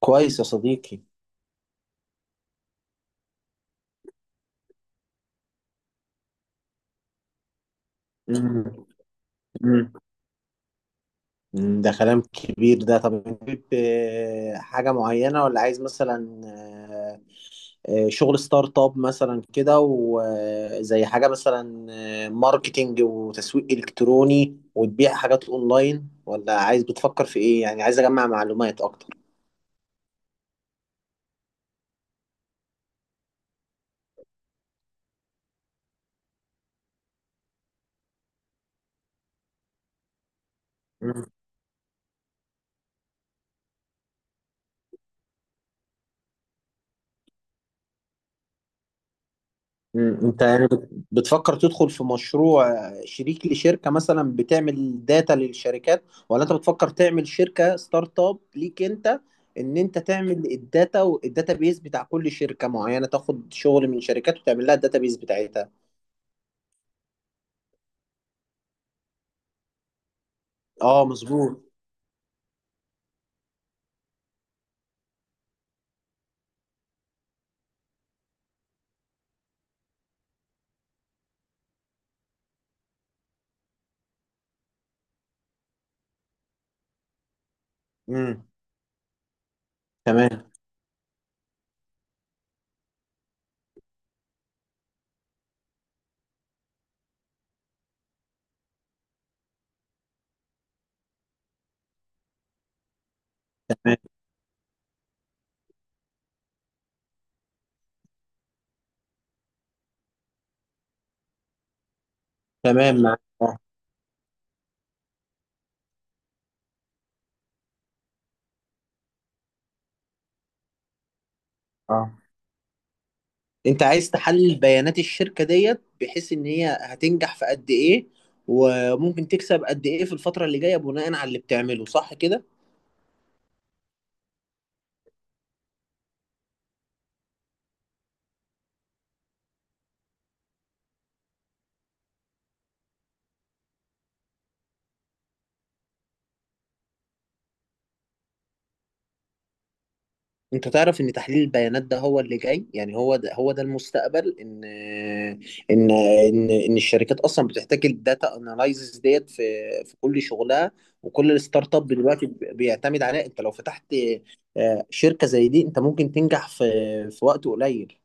كويس يا صديقي. مم. مم. مم. ده كلام كبير ده. طب انت حابب، حاجة معينة، ولا عايز مثلا شغل ستارت اب مثلا كده، وزي حاجة مثلا ماركتينج وتسويق إلكتروني وتبيع حاجات اونلاين، ولا عايز بتفكر في ايه؟ يعني عايز اجمع معلومات اكتر. مم. انت يعني بتفكر تدخل في مشروع شريك لشركة مثلا بتعمل داتا للشركات، ولا انت بتفكر تعمل شركة ستارت اب ليك انت؟ ان انت تعمل الداتا والداتا بيز بتاع كل شركة معينة، تاخد شغل من شركات وتعمل لها الداتا بيز بتاعتها. اه، مظبوط. امم. تمام. تمام تمام معاك. اه، اه انت عايز تحلل بيانات الشركة ديت، بحيث ان هي هتنجح في قد ايه، وممكن تكسب قد ايه في الفترة اللي جاية بناء على اللي بتعمله، صح كده؟ انت تعرف ان تحليل البيانات ده هو اللي جاي، يعني هو ده هو ده المستقبل، ان الشركات اصلا بتحتاج الداتا اناليزز ديت في كل شغلها، وكل الستارت اب دلوقتي بيعتمد عليها. انت لو فتحت شركة زي دي، انت ممكن تنجح في وقت قليل.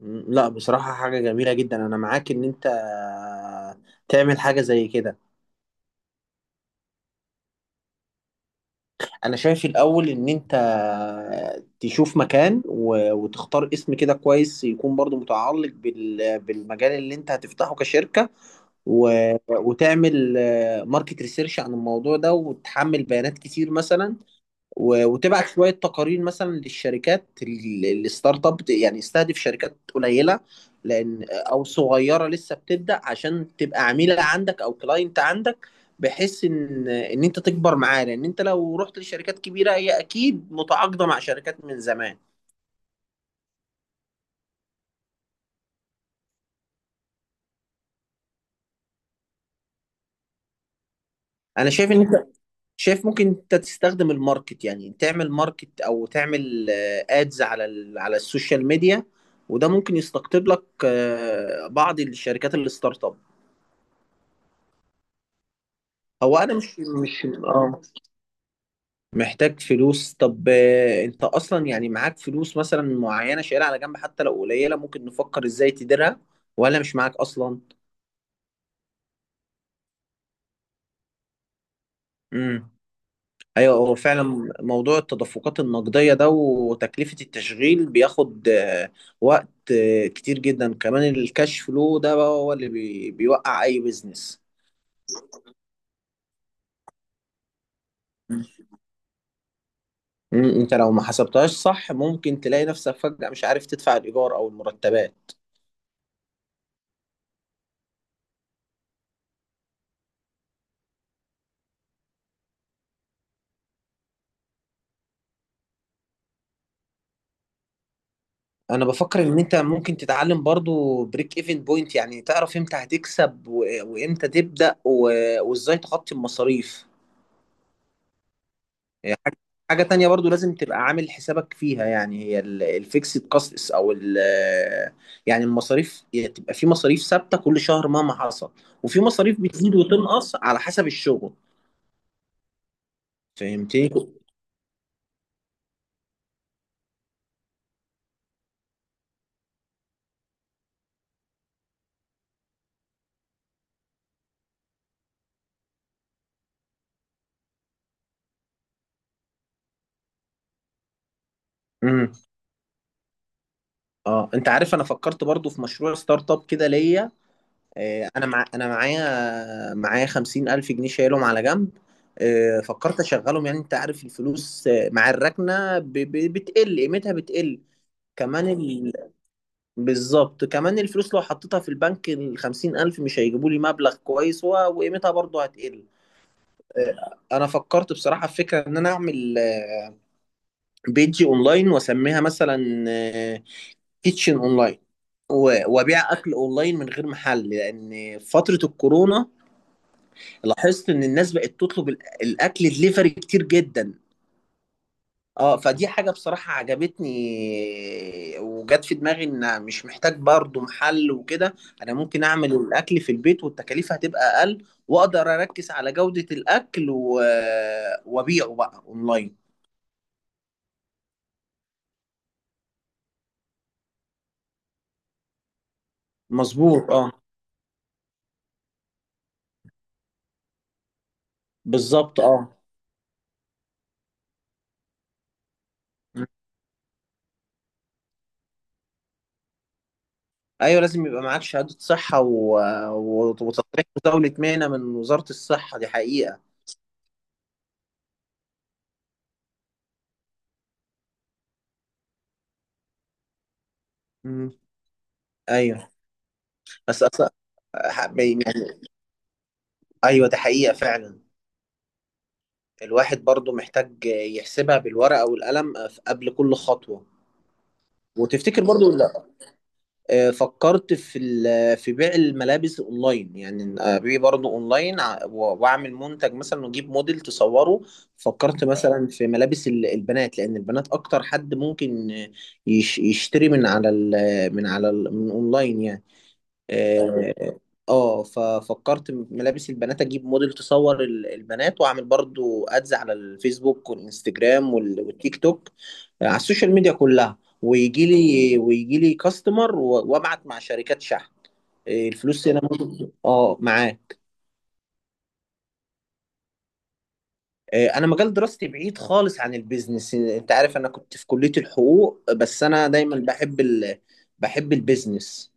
لا بصراحة حاجة جميلة جدا، انا معاك ان انت تعمل حاجة زي كده. انا شايف الاول ان انت تشوف مكان وتختار اسم كده كويس، يكون برضو متعلق بالمجال اللي انت هتفتحه كشركة، وتعمل ماركت ريسيرش عن الموضوع ده، وتحمل بيانات كتير مثلا، وتبعت شويه تقارير مثلا للشركات الستارت اب. يعني استهدف شركات قليله، لان او صغيره لسه بتبدا، عشان تبقى عميله عندك او كلاينت عندك، بحيث ان انت تكبر معاه، لان انت لو رحت لشركات كبيره هي اكيد متعاقده مع شركات من زمان. انا شايف ان انت شايف ممكن انت تستخدم الماركت، يعني تعمل ماركت او تعمل ادز على على السوشيال ميديا، وده ممكن يستقطب لك بعض الشركات الستارت اب. هو انا مش محتاج فلوس. طب انت اصلا يعني معاك فلوس مثلا معينه شايلها على جنب؟ حتى لو قليله ممكن نفكر ازاي تديرها، ولا مش معاك اصلا؟ امم. ايوه هو فعلا موضوع التدفقات النقديه ده وتكلفه التشغيل بياخد وقت كتير جدا، كمان الكاش فلو ده بقى هو اللي بيوقع اي بيزنس. مم. انت لو ما حسبتهاش صح، ممكن تلاقي نفسك فجأة مش عارف تدفع الايجار او المرتبات. انا بفكر ان انت ممكن تتعلم برضو بريك ايفن بوينت، يعني تعرف امتى هتكسب وامتى تبدأ وازاي تغطي المصاريف. هي حاجة تانية برضو لازم تبقى عامل حسابك فيها، يعني هي الفيكسد كاستس او ال، يعني المصاريف، هي تبقى في مصاريف ثابتة كل شهر مهما حصل، وفي مصاريف بتزيد وتنقص على حسب الشغل. فهمتني؟ امم. اه انت عارف انا فكرت برضو في مشروع ستارت اب كده ليا. انا معايا 50,000 جنيه شايلهم على جنب. فكرت اشغلهم، يعني انت عارف الفلوس مع الركنه بتقل قيمتها بتقل. كمان ال... بالظبط كمان الفلوس لو حطيتها في البنك الـ 50,000 مش هيجيبوا لي مبلغ كويس، وقيمتها برضه هتقل. انا فكرت بصراحه في فكره ان انا اعمل بيج اونلاين واسميها مثلا كيتشن اونلاين، وابيع اكل اونلاين من غير محل، لان في فتره الكورونا لاحظت ان الناس بقت تطلب الاكل دليفري كتير جدا. اه، فدي حاجة بصراحة عجبتني، وجت في دماغي ان مش محتاج برضو محل وكده. انا ممكن اعمل الاكل في البيت، والتكاليف هتبقى اقل، واقدر اركز على جودة الاكل وابيعه بقى اونلاين. مظبوط اه. بالظبط اه. ايوه لازم يبقى معاك شهادة صحة وتصريح مزاولة مهنة من وزارة الصحة، دي حقيقة. مم. ايوه بس أص... ايوه ده حقيقة فعلا. الواحد برضو محتاج يحسبها بالورقة والقلم قبل كل خطوة. وتفتكر برضو لا؟ فكرت في في بيع الملابس اونلاين، يعني ابيع برضو اونلاين، واعمل منتج مثلا واجيب موديل تصوره. فكرت مثلا في ملابس البنات، لان البنات اكتر حد ممكن يشتري من اونلاين يعني. آه، اه ففكرت ملابس البنات، اجيب موديل تصور البنات، واعمل برضو ادز على الفيسبوك والانستجرام والتيك توك، على السوشيال ميديا كلها، ويجي لي كاستمر، وابعت مع شركات شحن. الفلوس هنا برضو- معاه. انا مجال دراستي بعيد خالص عن البيزنس، انت عارف انا كنت في كلية الحقوق، بس انا دايما بحب بحب البيزنس.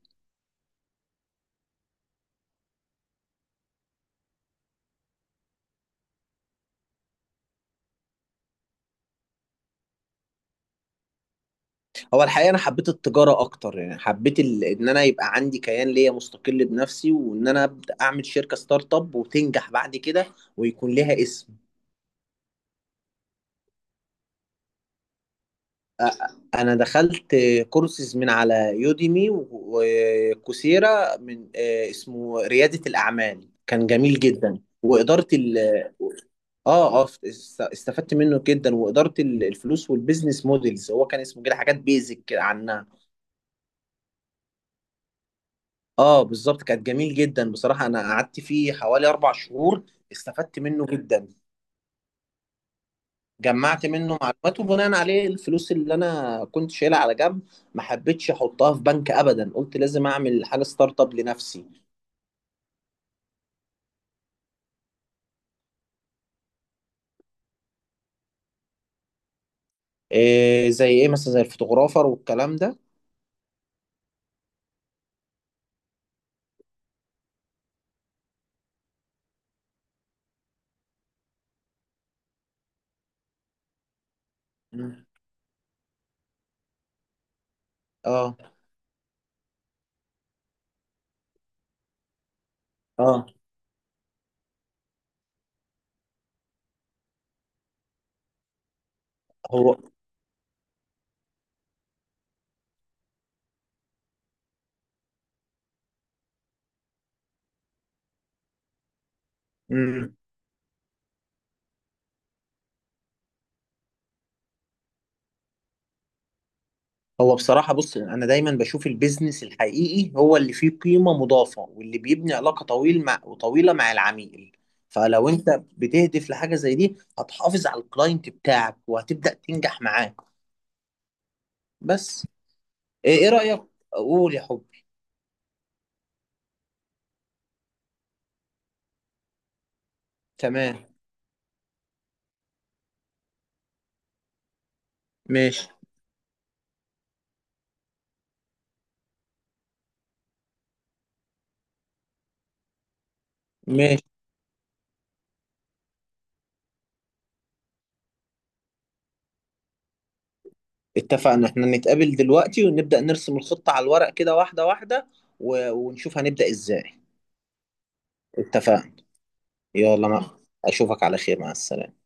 هو الحقيقة أنا حبيت التجارة أكتر، يعني حبيت إن أنا يبقى عندي كيان ليا مستقل بنفسي، وإن أنا أبدأ أعمل شركة ستارت أب وتنجح بعد كده، ويكون لها اسم. أنا دخلت كورسز من على يوديمي وكوسيرا، من اسمه ريادة الأعمال كان جميل جدا، وإدارة ال، استفدت منه جدا، وإدارة الفلوس والبيزنس موديلز، هو كان اسمه كده، حاجات بيزك عن. اه بالظبط، كانت جميل جدا بصراحة، انا قعدت فيه حوالي 4 شهور، استفدت منه جدا. جمعت منه معلومات، وبناء عليه الفلوس اللي انا كنت شايلها على جنب ما حبيتش احطها في بنك ابدا، قلت لازم اعمل حاجة ستارت اب لنفسي. إيه، زي ايه مثلا؟ زي الفوتوغرافر والكلام ده؟ مم. اه، اه هو. مم. بصراحة بص، أنا دايما بشوف البيزنس الحقيقي هو اللي فيه قيمة مضافة، واللي بيبني علاقة طويل مع، وطويلة مع العميل. فلو أنت بتهدف لحاجة زي دي، هتحافظ على الكلاينت بتاعك وهتبدأ تنجح معاه. بس إيه رأيك؟ قول يا حبي. تمام. ماشي. ماشي. اتفقنا إحنا نتقابل دلوقتي، ونبدأ نرسم الخطة على الورق كده واحدة واحدة، ونشوف هنبدأ إزاي. اتفقنا. يلا، ما أشوفك على خير. مع السلامة.